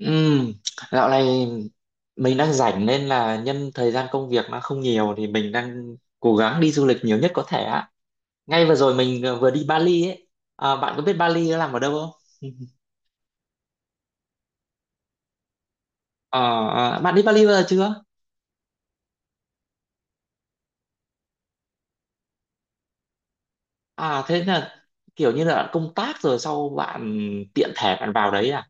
Ừm, Dạo này mình đang rảnh nên là nhân thời gian công việc nó không nhiều thì mình đang cố gắng đi du lịch nhiều nhất có thể ạ. Ngay vừa rồi mình vừa đi Bali ấy. À, bạn có biết Bali nó nằm ở đâu không? Ờ, Bạn đi Bali bao giờ chưa? À thế là kiểu như là bạn công tác rồi sau bạn tiện thể bạn vào đấy à?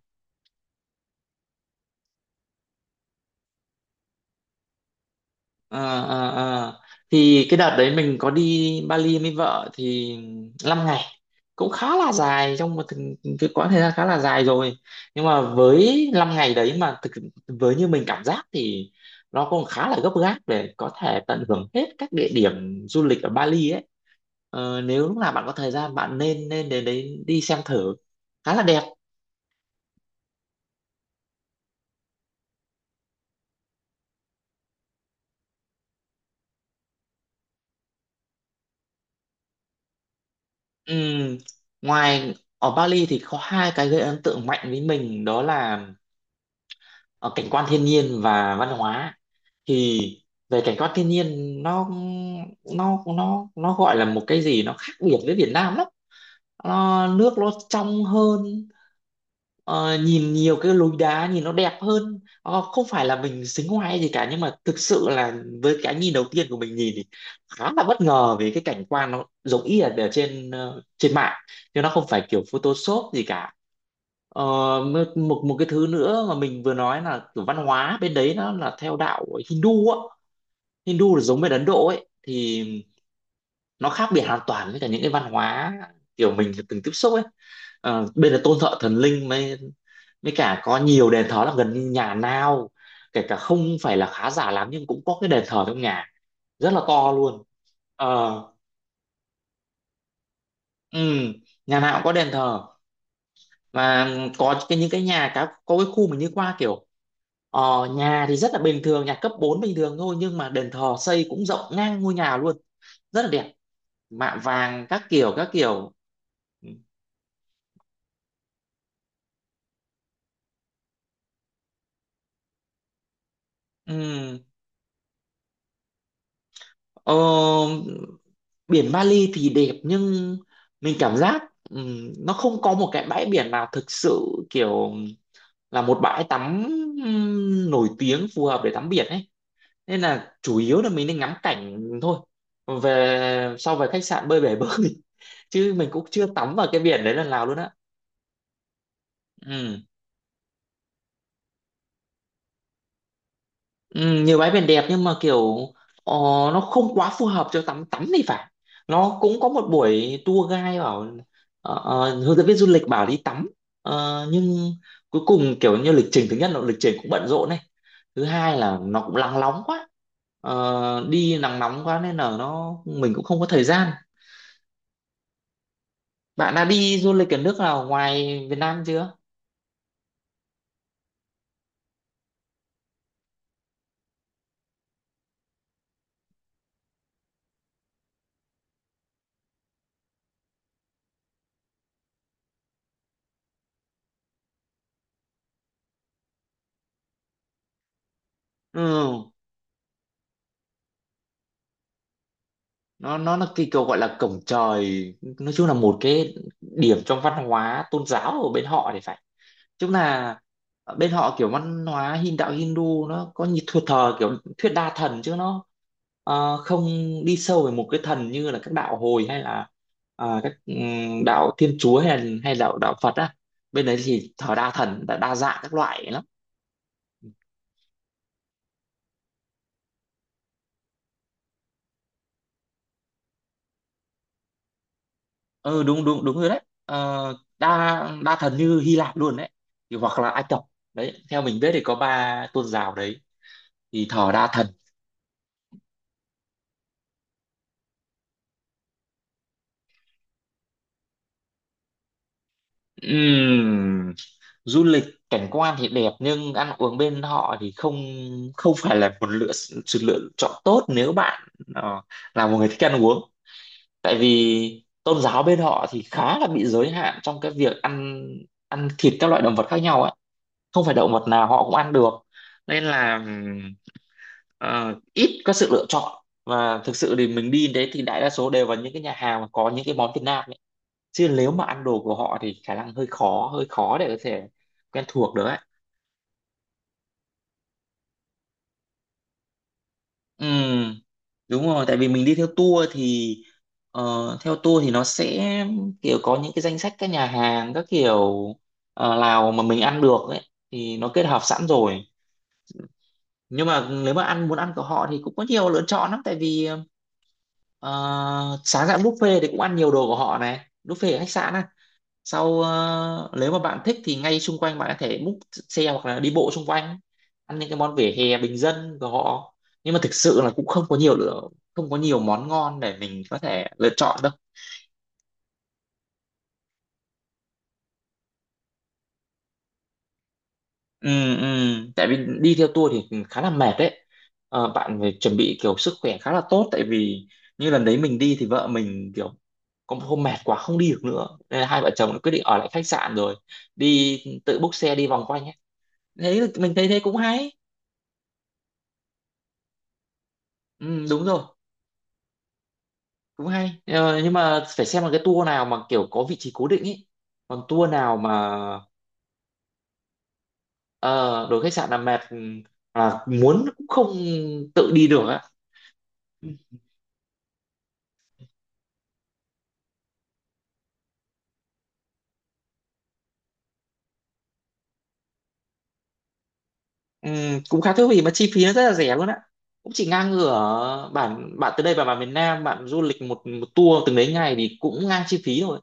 À, à, à. Thì cái đợt đấy mình có đi Bali với vợ thì 5 ngày cũng khá là dài, trong một cái quãng thời gian khá là dài rồi. Nhưng mà với 5 ngày đấy mà thực với như mình cảm giác thì nó cũng khá là gấp gáp để có thể tận hưởng hết các địa điểm du lịch ở Bali ấy. Nếu lúc nào bạn có thời gian bạn nên nên đến đấy đi xem thử, khá là đẹp. Ừm, Ngoài ở Bali thì có hai cái gây ấn tượng mạnh với mình đó là ờ, cảnh quan thiên nhiên và văn hóa. Thì về cảnh quan thiên nhiên, nó nó gọi là một cái gì nó khác biệt với Việt Nam lắm. Ờ, Nước nó trong hơn. Nhìn nhiều cái lối đá nhìn nó đẹp hơn. Ờ, Không phải là mình xính ngoại gì cả nhưng mà thực sự là với cái nhìn đầu tiên của mình nhìn thì khá là bất ngờ, vì cái cảnh quan nó giống y là ở trên trên mạng, chứ nó không phải kiểu Photoshop gì cả. Ờ, một một một cái thứ nữa mà mình vừa nói là kiểu văn hóa bên đấy nó là theo đạo Hindu á. Hindu là giống bên Ấn Độ ấy, thì nó khác biệt hoàn toàn với cả những cái văn hóa kiểu mình từng tiếp xúc ấy. Bên là tôn thờ thần linh, mới mới cả có nhiều đền thờ, là gần như nhà nào kể cả không phải là khá giả lắm nhưng cũng có cái đền thờ trong nhà, rất là to luôn. ờ ừ, nhà nào cũng có đền thờ, và có cái những cái nhà có cái khu mình đi qua kiểu nhà thì rất là bình thường, nhà cấp 4 bình thường thôi, nhưng mà đền thờ xây cũng rộng ngang ngôi nhà luôn, rất là đẹp, mạ vàng các kiểu các kiểu. Ừ. Ừ. Ờ, biển Bali thì đẹp, nhưng mình cảm giác nó không có một cái bãi biển nào thực sự kiểu là một bãi tắm nổi tiếng phù hợp để tắm biển ấy. Nên là chủ yếu là mình nên ngắm cảnh thôi, về sau về khách sạn bơi bể bơi. Chứ mình cũng chưa tắm vào cái biển đấy lần nào luôn á. Ừ. Ừ, nhiều bãi biển đẹp nhưng mà kiểu ờ, nó không quá phù hợp cho tắm tắm thì phải. Nó cũng có một buổi tour guide bảo, hướng dẫn viên du lịch bảo đi tắm. Ờ, nhưng cuối cùng kiểu như lịch trình, thứ nhất là lịch trình cũng bận rộn này, thứ hai là nó cũng nắng nóng quá. Ờ, đi nắng nóng quá nên là nó mình cũng không có thời gian. Bạn đã đi du lịch ở nước nào ngoài Việt Nam chưa? Ừ, nó là cái kiểu gọi là cổng trời. Nói chung là một cái điểm trong văn hóa tôn giáo ở bên họ thì phải. Chung là ở bên họ kiểu văn hóa Hin đạo Hindu nó có như thờ thờ kiểu thuyết đa thần, chứ nó không đi sâu về một cái thần như là các đạo hồi hay là các đạo Thiên Chúa hay là hay đạo đạo Phật á. Bên đấy thì thờ đa thần, đa dạng các loại lắm. Ừ, đúng đúng đúng rồi đấy. Ờ, đa đa thần như Hy Lạp luôn đấy, thì hoặc là Ai Cập đấy. Theo mình biết thì có ba tôn giáo đấy thì thờ đa thần. Ừm, Du lịch cảnh quan thì đẹp, nhưng ăn uống bên họ thì không, không phải là một sự lựa chọn tốt nếu bạn ờ, là một người thích ăn uống. Tại vì tôn giáo bên họ thì khá là bị giới hạn trong cái việc ăn ăn thịt các loại động vật khác nhau ấy. Không phải động vật nào họ cũng ăn được. Nên là ít có sự lựa chọn, và thực sự thì mình đi đến đấy thì đại đa số đều vào những cái nhà hàng mà có những cái món Việt Nam ấy. Chứ nếu mà ăn đồ của họ thì khả năng hơi khó để có thể quen thuộc được ấy. Ừ, đúng rồi, tại vì mình đi theo tour thì theo tour thì nó sẽ kiểu có những cái danh sách các nhà hàng các kiểu nào mà mình ăn được ấy, thì nó kết hợp sẵn rồi. Nhưng mà nếu mà muốn ăn của họ thì cũng có nhiều lựa chọn lắm, tại vì ờ, sáng dạng buffet thì cũng ăn nhiều đồ của họ này, buffet ở khách sạn. Sau nếu mà bạn thích thì ngay xung quanh bạn có thể book xe hoặc là đi bộ xung quanh, ăn những cái món vỉa hè bình dân của họ. Nhưng mà thực sự là cũng không có nhiều món ngon để mình có thể lựa chọn đâu. Ừ, ừ. Tại vì đi theo tour thì khá là mệt đấy. Ờ, bạn phải chuẩn bị kiểu sức khỏe khá là tốt, tại vì như lần đấy mình đi thì vợ mình kiểu có một hôm mệt quá không đi được nữa, nên là hai vợ chồng đã quyết định ở lại khách sạn rồi đi tự book xe đi vòng quanh ấy. Thế là mình thấy thế cũng hay. Ừ, đúng rồi, cũng hay. Ờ, nhưng mà phải xem là cái tour nào mà kiểu có vị trí cố định ý, còn tour nào mà ờ, đổi khách sạn là mệt. Ừ, À, muốn cũng không tự đi được á. Cũng khá thú vị, mà chi phí nó rất là rẻ luôn á, cũng chỉ ngang ngửa bản bạn từ đây vào bản miền Nam bạn du lịch một một tour từng đấy ngày thì cũng ngang chi phí rồi.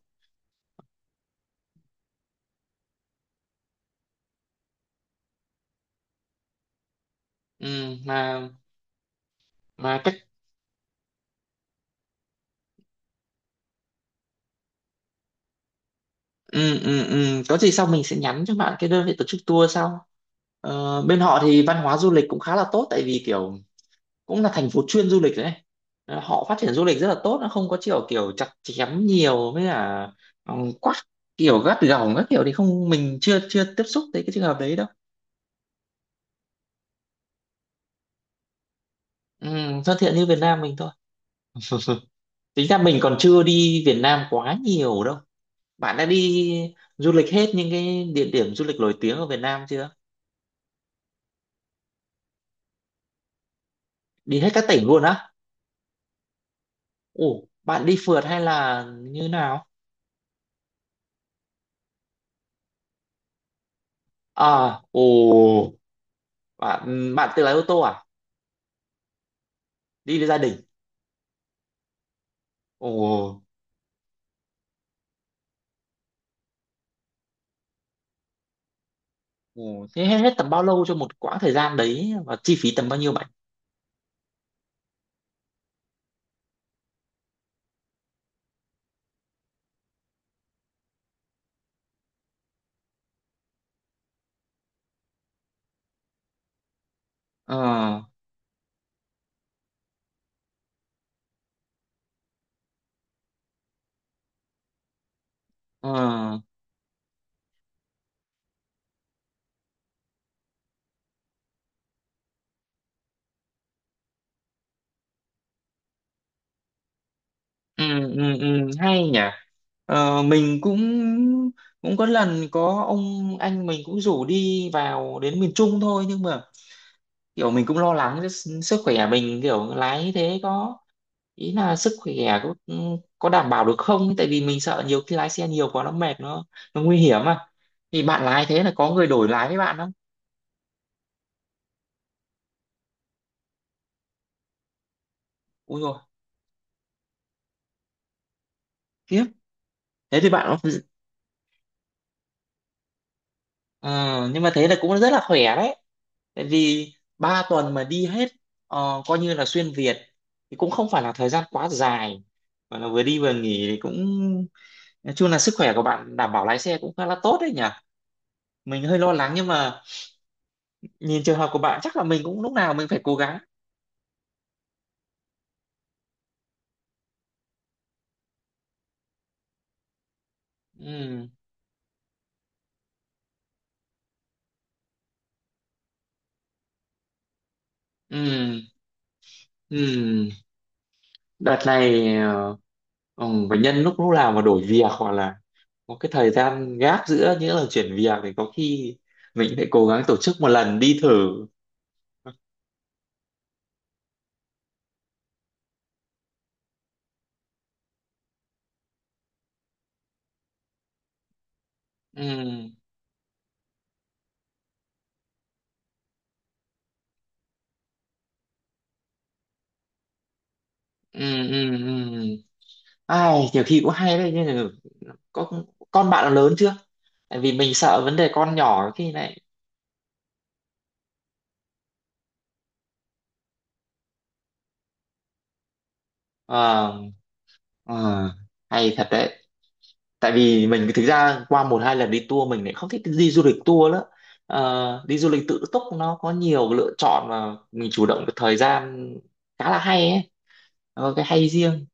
Ừm, mà mà Ừ, ừ, ừ, có gì sau mình sẽ nhắn cho bạn cái đơn vị tổ chức tour sau. Ờ, bên họ thì văn hóa du lịch cũng khá là tốt, tại vì kiểu cũng là thành phố chuyên du lịch đấy. Ờ, họ phát triển du lịch rất là tốt, nó không có kiểu kiểu chặt chém nhiều với cả ừ, quắt kiểu gắt gỏng các kiểu thì không, mình chưa chưa tiếp xúc tới cái trường hợp đấy đâu. Ừ, thân thiện như Việt Nam mình thôi. Tính ra mình còn chưa đi Việt Nam quá nhiều đâu. Bạn đã đi du lịch hết những cái địa điểm du lịch nổi tiếng ở Việt Nam chưa? Đi hết các tỉnh luôn á? Ồ, bạn đi phượt hay là như nào? À, ồ, bạn bạn tự lái ô tô à? Đi với gia đình. Ồ, ồ, thế hết tầm bao lâu cho một quãng thời gian đấy, và chi phí tầm bao nhiêu bạn? Ờ, ờ, ừ, ừ, hay nhỉ. Ờ, mình cũng cũng có lần có ông anh mình cũng rủ đi vào đến miền Trung thôi, nhưng mà kiểu mình cũng lo lắng cho sức khỏe mình kiểu lái thế có, ý là sức khỏe có, có đảm bảo được không, tại vì mình sợ nhiều khi lái xe nhiều quá nó mệt, nó nguy hiểm mà. Thì bạn lái thế là có người đổi lái với bạn không? Ui rồi, khiếp, thế thì bạn Ờ, nhưng mà thế là cũng rất là khỏe đấy, tại vì 3 tuần mà đi hết coi như là xuyên Việt thì cũng không phải là thời gian quá dài, mà là vừa đi vừa nghỉ thì cũng nói chung là sức khỏe của bạn đảm bảo, lái xe cũng khá là tốt đấy nhỉ. Mình hơi lo lắng, nhưng mà nhìn trường hợp của bạn chắc là mình cũng lúc nào mình phải cố gắng. Ừ. Ừ, ừ. Đợt này bệnh nhân lúc lúc nào mà đổi việc hoặc là có cái thời gian gap giữa những lần chuyển việc thì có khi mình phải cố gắng tổ chức một lần đi thử. Ừ, ừ, ừ, ừ. Ai, nhiều khi cũng hay đấy, nhưng mà có con bạn nó lớn chưa? Tại vì mình sợ vấn đề con nhỏ khi này. ờ, ờ, hay thật đấy. Tại vì mình thực ra qua một hai lần đi tour mình lại không thích đi du lịch tour nữa. Ờ, đi du lịch tự túc nó có nhiều lựa chọn và mình chủ động được thời gian, khá là hay ấy, nó có cái hay riêng.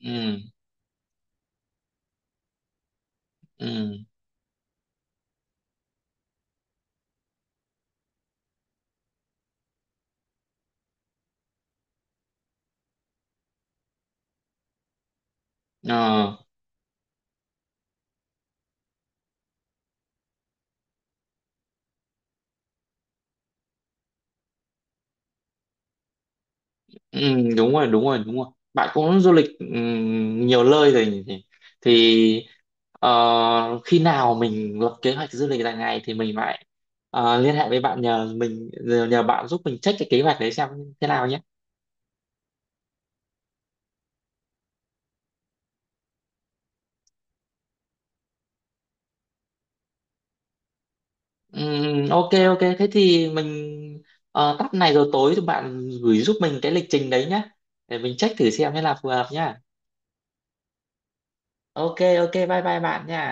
Ừ. Ừ. ờ ừ, đúng rồi đúng rồi đúng rồi. Bạn cũng du lịch ừ, nhiều nơi rồi nhỉ? Thì khi nào mình lập kế hoạch du lịch dài ngày thì mình lại liên hệ với bạn, nhờ bạn giúp mình check cái kế hoạch đấy xem thế nào nhé. Ok ok, thế thì mình tắt này rồi tối thì bạn gửi giúp mình cái lịch trình đấy nhá, để mình check thử xem thế là phù hợp nhá. Ok ok, bye bye bạn nha.